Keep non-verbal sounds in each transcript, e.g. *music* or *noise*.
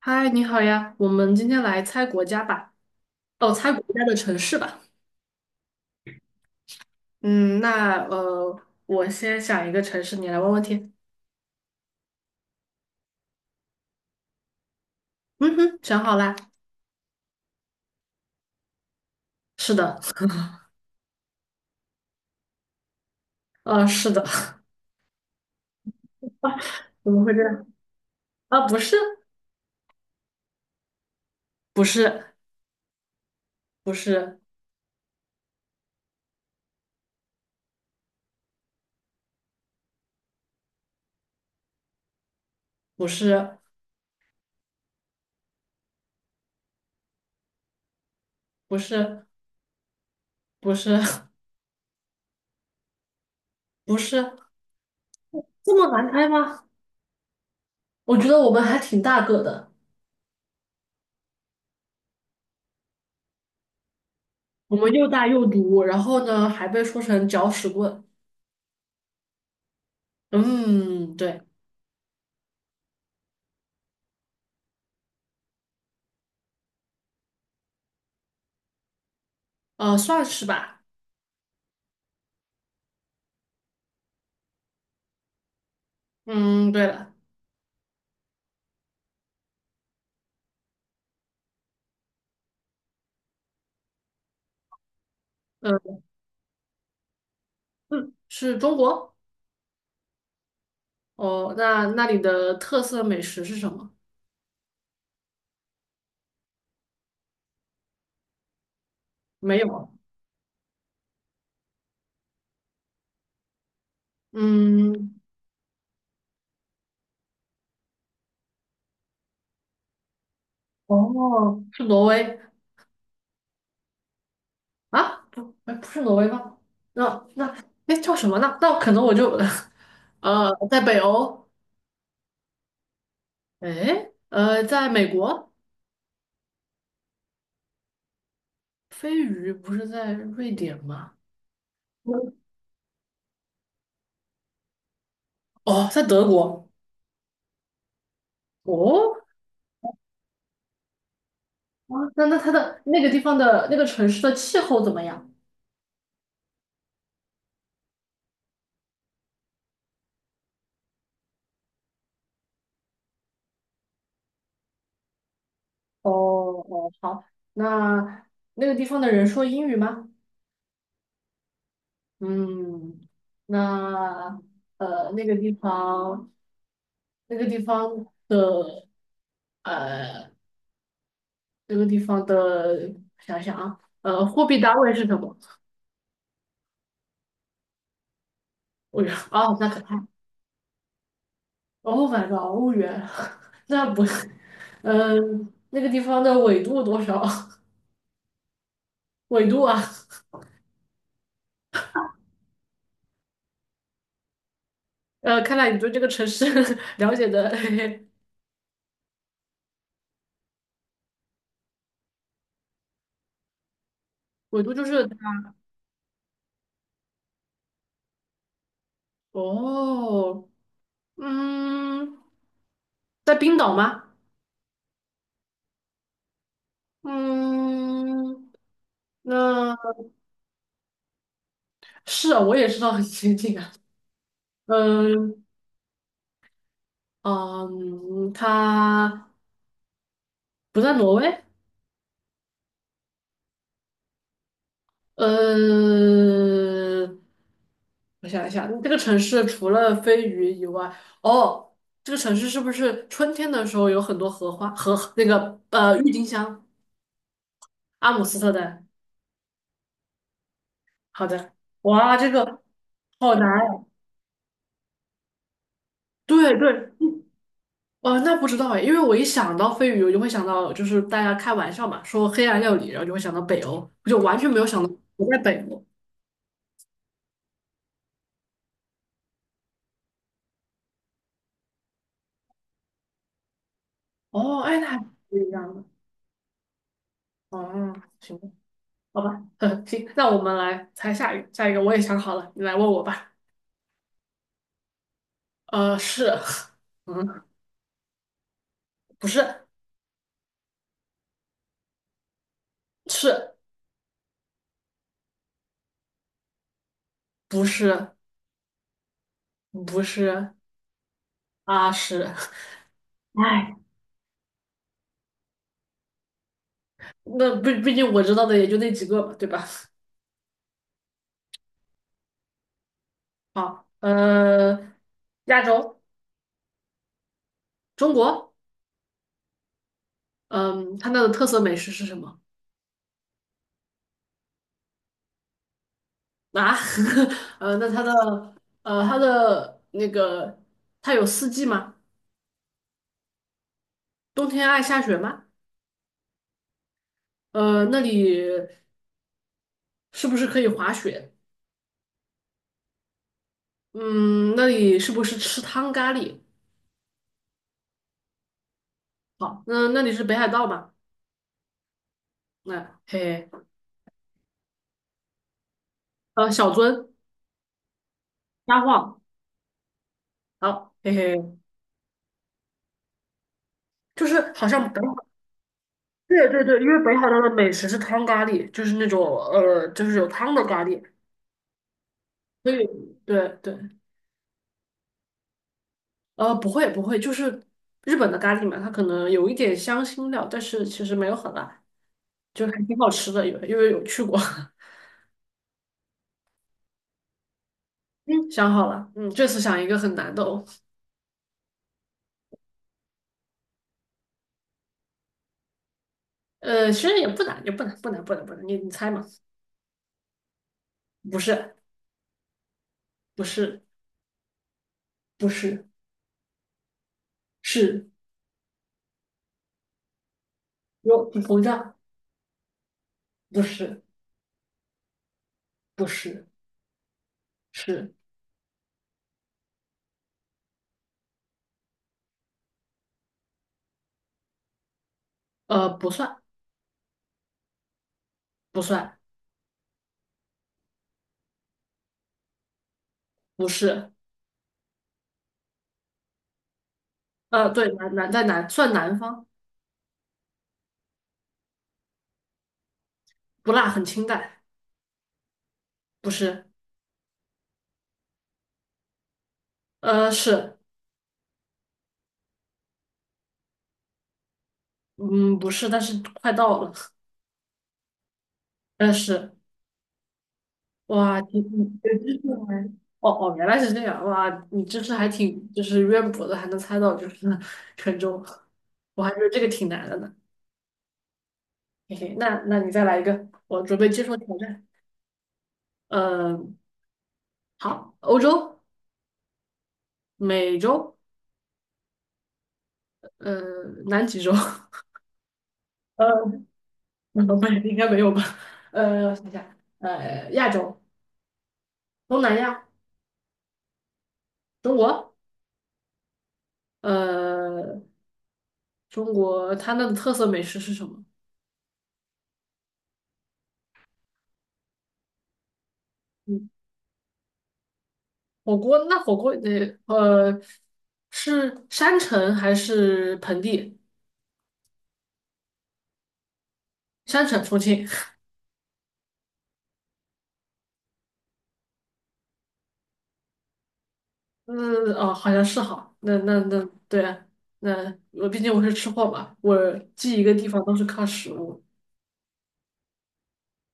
嗨，你好呀，我们今天来猜国家吧，哦，猜国家的城市吧。嗯，那呃，我先想一个城市，你来问问题。嗯哼，想好啦。是的，*laughs* 是的，怎么会这样？啊，不是，不是，不是，不是，不是，不是，不是，这么难猜吗？我觉得我们还挺大个的，我们又大又毒，然后呢还被说成搅屎棍。嗯，对，算是吧。嗯，对了。呃嗯，是中国？哦，那那里的特色美食是什么？没有。嗯，哦，是挪威啊？不，哎，不是挪威吗？那哎叫什么呢？那可能我就 *laughs* 在北欧，哎，在美国，飞鱼不是在瑞典吗？嗯哦，在德国。哦，啊那那它的那个地方的那个城市的气候怎么样？哦哦，好，那那个地方的人说英语吗？嗯，那呃，那个地方，那个地方的呃，那个地方的，想想啊，货币单位是什么？欧元哦，那可太哦，反正欧元，*laughs* 那不是，那个地方的纬度多少？*laughs* 纬度啊，看来你对这个城市 *laughs* 了解的 *laughs* 纬度就是哦，嗯，在冰岛吗？嗯，那。是啊，我也知道很先进啊。嗯嗯，他不在挪威。呃，我想一下，这个城市除了飞鱼以外，哦，这个城市是不是春天的时候有很多荷花和那个郁金香？阿姆斯特丹。好的，哇，这个好难呀。对对，哦，那不知道哎，因为我一想到飞鱼，我就会想到，就是大家开玩笑嘛，说黑暗料理，然后就会想到北欧，我就完全没有想到不在北欧。哦，哎，那还不一样的。哦，行，吧，好吧，*laughs* 嗯，行，那我们来猜下一个，下一个我也想好了，你来问我吧。是，嗯，不是，是，不是，不是，啊，是，哎，那毕竟我知道的也就那几个嘛，对吧？好，亚洲，中国，嗯，它那的特色美食是什么？啊，*laughs* 呃，那它的呃，它的那个，它有四季吗？冬天爱下雪吗？那里是不是可以滑雪？嗯，那里是不是吃汤咖喱？好，那那里是北海道吗？那、嘿嘿，小樽、札幌，好，嘿嘿，就是好像北海，对对对，因为北海道的美食是汤咖喱，就是那种就是有汤的咖喱，所以对对，不会不会，就是日本的咖喱嘛，它可能有一点香辛料，但是其实没有很辣，就还挺好吃的，因为有去过。*laughs* 嗯，想好了，嗯，这次想一个很难的哦。其实也不难，也不难，不难，不难，不难。你猜嘛？不是，不是，不是，是有膨胀？不是，不是，是不算，不算，不是。对，南在南算南方，不辣，很清淡，不是。是，嗯，不是，但是快到了。但是，哇，你你对知识还，哦哦，原来是这样，哇，你知识还挺就是渊博的，还能猜到就是 *laughs* 沉重，我还觉得这个挺难的呢。嘿嘿，那那你再来一个，我准备接受挑战。嗯、好，欧洲、美洲、呃，南极洲，*laughs* 呃，不对，应该没有吧？我想想，亚洲、东南亚、中国，呃，中国它那的特色美食是什么？嗯。火锅那火锅得是山城还是盆地？山城重庆，嗯哦好像是哈，那对啊，那我毕竟我是吃货嘛，我记一个地方都是靠食物。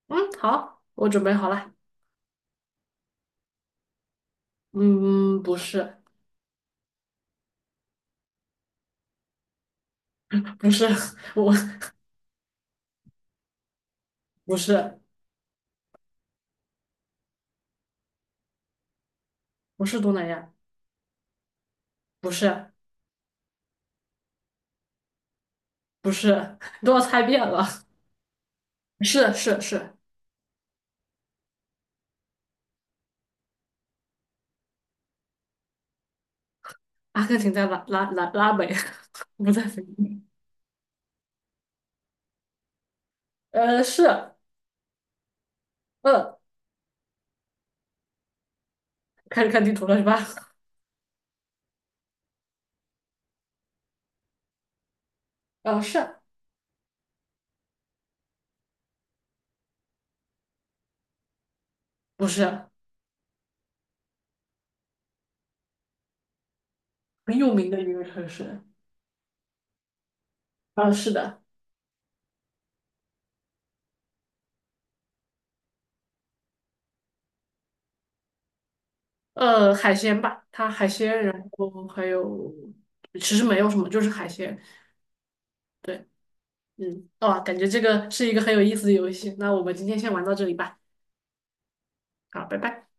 嗯，好，我准备好了。嗯，不是不是，*laughs* 我不是不是东南亚，不是不是，你都要猜遍了，是是是，阿根廷在拉美，*laughs* 不在非洲。是。嗯。开始看地图了是吧？*laughs* 啊，是不是很有名的一个城市？啊，是的，海鲜吧，它海鲜，然后还有其实没有什么，就是海鲜。对，嗯，哦，感觉这个是一个很有意思的游戏。那我们今天先玩到这里吧。好，拜拜。